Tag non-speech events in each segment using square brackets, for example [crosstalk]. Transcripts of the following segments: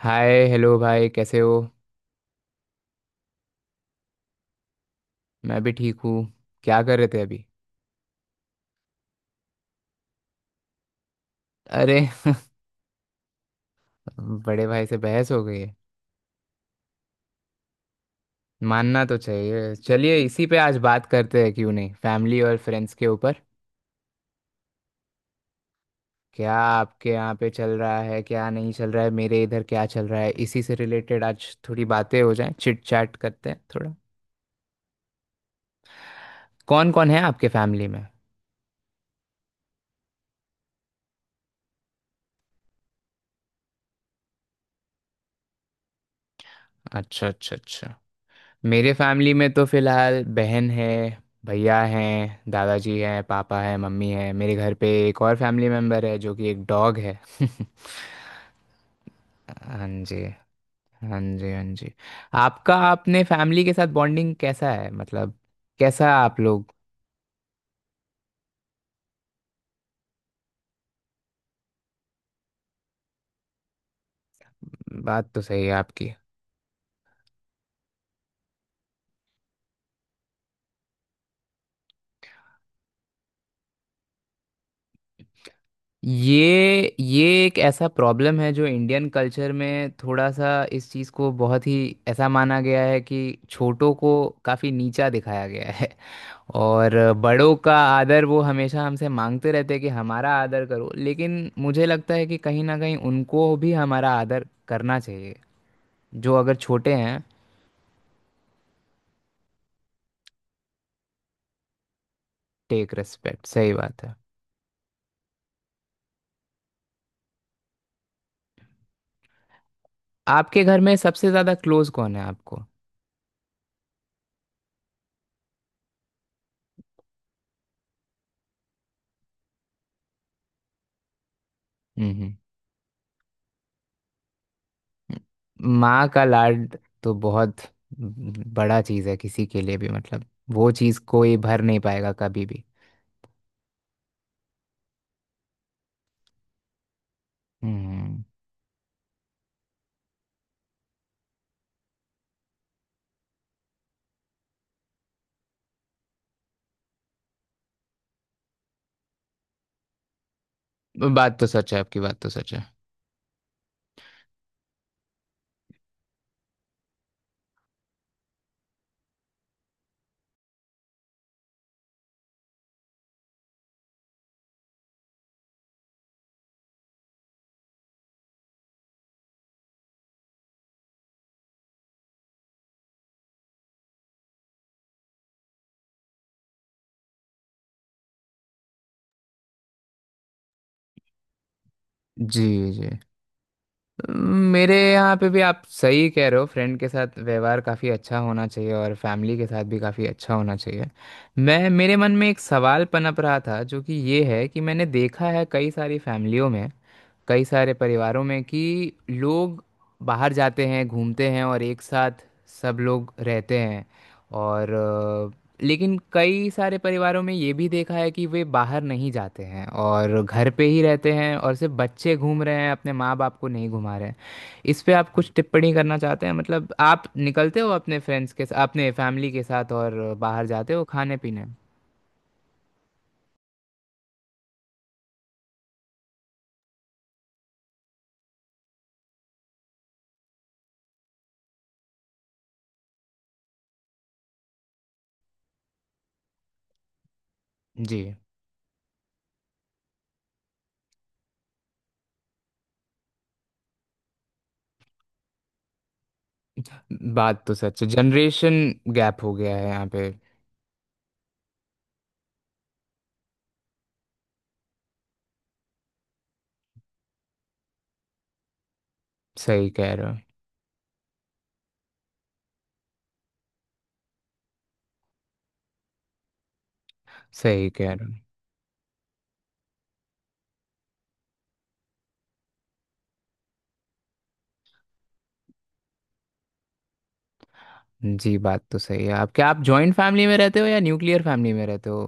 हाय hello भाई, कैसे हो। मैं भी ठीक हूँ। क्या कर रहे थे अभी? अरे [laughs] बड़े भाई से बहस हो गई है? मानना तो चाहिए। चलिए इसी पे आज बात करते हैं, क्यों नहीं, फैमिली और फ्रेंड्स के ऊपर। क्या आपके यहाँ पे चल रहा है, क्या नहीं चल रहा है, मेरे इधर क्या चल रहा है, इसी से रिलेटेड आज थोड़ी बातें हो जाएं, चिट चैट करते हैं थोड़ा। कौन कौन है आपके फैमिली में? अच्छा अच्छा अच्छा। मेरे फैमिली में तो फिलहाल बहन है, भैया हैं, दादाजी हैं, पापा हैं, मम्मी हैं। मेरे घर पे एक और फैमिली मेम्बर है जो कि एक डॉग है [laughs] हाँ जी, हाँ जी, हाँ जी। आपका, आपने फैमिली के साथ बॉन्डिंग कैसा है, मतलब कैसा आप लोग। बात तो सही है आपकी। ये एक ऐसा प्रॉब्लम है जो इंडियन कल्चर में थोड़ा सा इस चीज़ को बहुत ही ऐसा माना गया है कि छोटों को काफ़ी नीचा दिखाया गया है। और बड़ों का आदर वो हमेशा हमसे मांगते रहते हैं कि हमारा आदर करो, लेकिन मुझे लगता है कि कहीं ना कहीं उनको भी हमारा आदर करना चाहिए जो अगर छोटे हैं। टेक रिस्पेक्ट, सही बात है। आपके घर में सबसे ज़्यादा क्लोज कौन है आपको? हम्म। माँ का लाड तो बहुत बड़ा चीज़ है किसी के लिए भी, मतलब वो चीज़ कोई भर नहीं पाएगा कभी भी। हम्म। बात तो सच है आपकी, बात तो सच है। जी। जी। मेरे यहाँ पे भी आप सही कह रहे हो, फ्रेंड के साथ व्यवहार काफ़ी अच्छा होना चाहिए और फैमिली के साथ भी काफ़ी अच्छा होना चाहिए। मैं मेरे मन में एक सवाल पनप रहा था जो कि ये है कि मैंने देखा है कई सारी फैमिलियों में, कई सारे परिवारों में कि लोग बाहर जाते हैं, घूमते हैं और एक साथ सब लोग रहते हैं। और लेकिन कई सारे परिवारों में ये भी देखा है कि वे बाहर नहीं जाते हैं और घर पे ही रहते हैं और सिर्फ बच्चे घूम रहे हैं, अपने माँ बाप को नहीं घुमा रहे हैं। इस पे आप कुछ टिप्पणी करना चाहते हैं? मतलब आप निकलते हो अपने फ्रेंड्स के साथ, अपने फैमिली के साथ और बाहर जाते हो खाने पीने। जी, बात तो सच है। जनरेशन गैप हो गया है यहाँ पे। सही कह रहे हो, सही कह रहे हो। जी, बात तो सही है आप। क्या आप जॉइंट फैमिली में रहते हो या न्यूक्लियर फैमिली में रहते हो?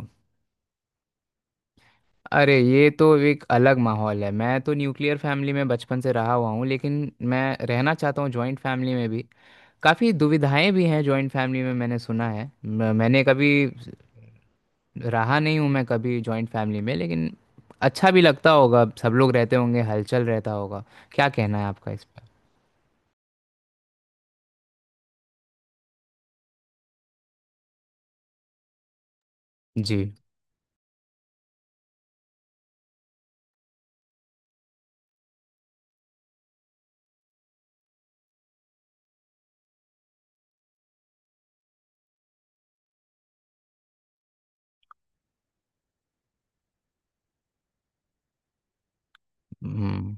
अरे ये तो एक अलग माहौल है। मैं तो न्यूक्लियर फैमिली में बचपन से रहा हुआ हूँ, लेकिन मैं रहना चाहता हूँ जॉइंट फैमिली में भी। काफ़ी दुविधाएं भी हैं जॉइंट फैमिली में, मैंने सुना है। मैंने कभी रहा नहीं हूँ मैं कभी जॉइंट फैमिली में, लेकिन अच्छा भी लगता होगा, सब लोग रहते होंगे, हलचल रहता होगा। क्या कहना है आपका इस पर? जी। हम्म।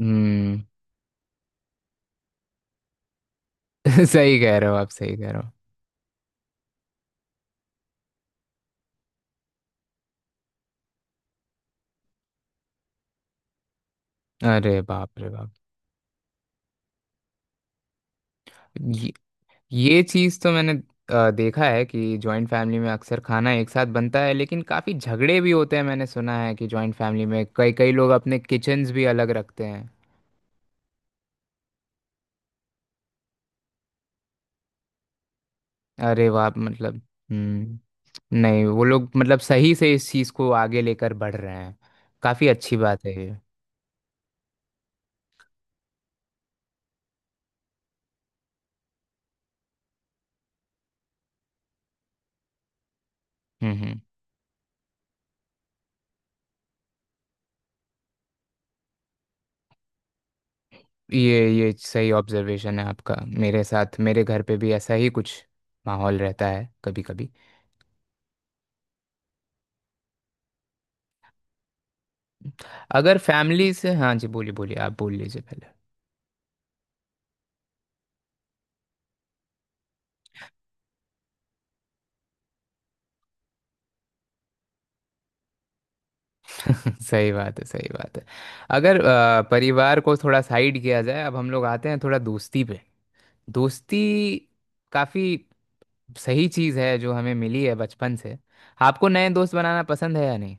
हम्म। [laughs] सही कह रहे हो आप, सही कह रहे हो। अरे बाप रे बाप। ये चीज़ तो मैंने देखा है कि जॉइंट फैमिली में अक्सर खाना एक साथ बनता है, लेकिन काफ़ी झगड़े भी होते हैं। मैंने सुना है कि जॉइंट फैमिली में कई कई लोग अपने किचन्स भी अलग रखते हैं। अरे वाह, मतलब। हम्म। नहीं, वो लोग मतलब सही से इस चीज़ को आगे लेकर बढ़ रहे हैं। काफ़ी अच्छी बात है ये। हम्म। हम्म। ये सही ऑब्जर्वेशन है आपका। मेरे साथ, मेरे घर पे भी ऐसा ही कुछ माहौल रहता है कभी कभी। अगर फैमिली से, हाँ जी बोलिए, बोलिए आप बोल लीजिए पहले। सही बात है, सही बात है। अगर परिवार को थोड़ा साइड किया जाए, अब हम लोग आते हैं थोड़ा दोस्ती पे। दोस्ती काफी सही चीज है जो हमें मिली है बचपन से। आपको नए दोस्त बनाना पसंद है या नहीं?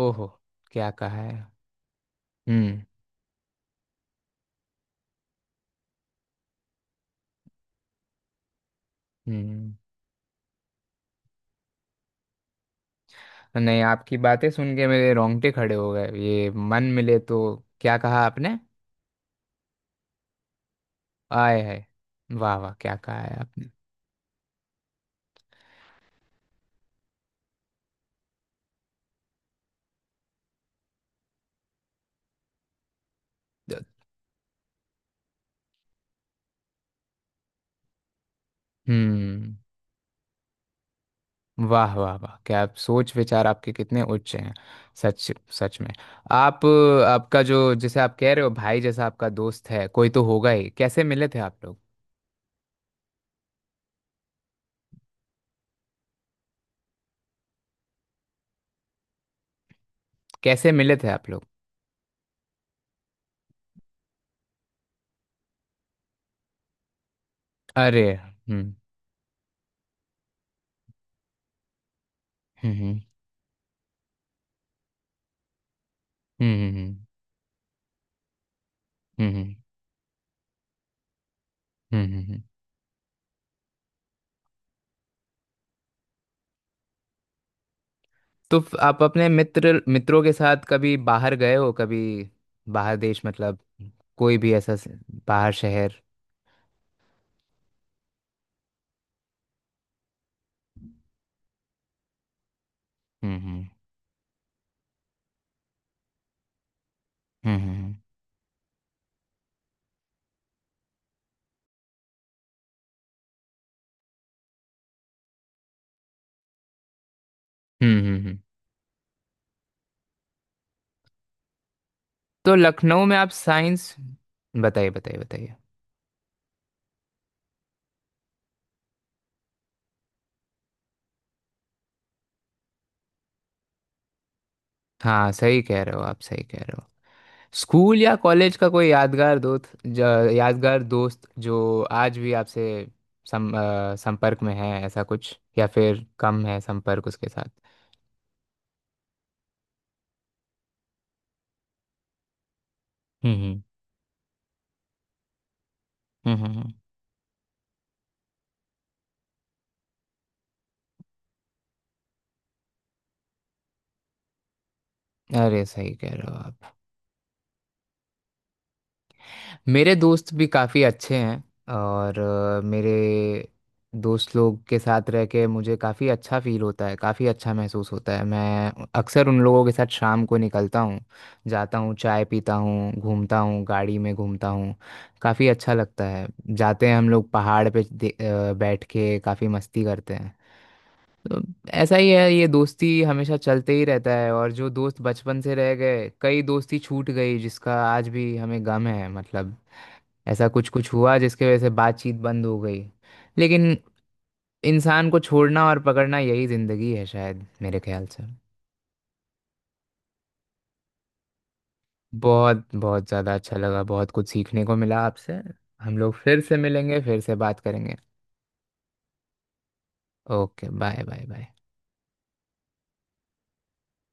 ओहो, क्या कहा है। हम्म। हम्म। नहीं, आपकी बातें सुन के मेरे रोंगटे खड़े हो गए। ये मन मिले तो क्या कहा आपने? आए है। वाह वाह, क्या कहा है आपने। हम्म। वाह वाह वाह, क्या आप सोच विचार आपके कितने उच्च हैं। सच, सच में। आप, आपका जो, जैसे आप कह रहे हो भाई जैसा आपका दोस्त है, कोई तो होगा ही, कैसे मिले थे आप लोग? कैसे मिले थे आप लोग? अरे। हम्म। हम्म। हम्म। हम्म। हम्म। हम्म। हम्म, हम्म, हम्म। तो आप अपने मित्र, मित्रों के साथ कभी बाहर गए हो कभी, बाहर देश मतलब, कोई भी ऐसा बाहर शहर। हम्म। हम्म। हम्म, हम्म, हम्म। तो लखनऊ में आप साइंस। बताइए, बताइए, बताइए। हाँ, सही कह रहे हो आप, सही कह रहे हो। स्कूल या कॉलेज का कोई यादगार दोस्त, यादगार दोस्त जो आज भी आपसे सम, संपर्क में है, ऐसा कुछ? या फिर कम है संपर्क उसके साथ। हम्म। हम्म हम्म, अरे, सही कह रहे हो आप। मेरे दोस्त भी काफ़ी अच्छे हैं। और मेरे दोस्त लोग के साथ रह के मुझे काफ़ी अच्छा फील होता है, काफ़ी अच्छा महसूस होता है। मैं अक्सर उन लोगों के साथ शाम को निकलता हूँ, जाता हूँ, चाय पीता हूँ, घूमता हूँ, गाड़ी में घूमता हूँ, काफ़ी अच्छा लगता है। जाते हैं हम लोग पहाड़ पे बैठ के काफ़ी मस्ती करते हैं। तो ऐसा ही है, ये दोस्ती हमेशा चलते ही रहता है। और जो दोस्त बचपन से रह गए, कई दोस्ती छूट गई जिसका आज भी हमें गम है, मतलब ऐसा कुछ कुछ हुआ जिसके वजह से बातचीत बंद हो गई। लेकिन इंसान को छोड़ना और पकड़ना यही ज़िंदगी है, शायद मेरे ख्याल से। बहुत बहुत ज़्यादा अच्छा लगा, बहुत कुछ सीखने को मिला आपसे। हम लोग फिर से मिलेंगे, फिर से बात करेंगे। Okay bye bye bye.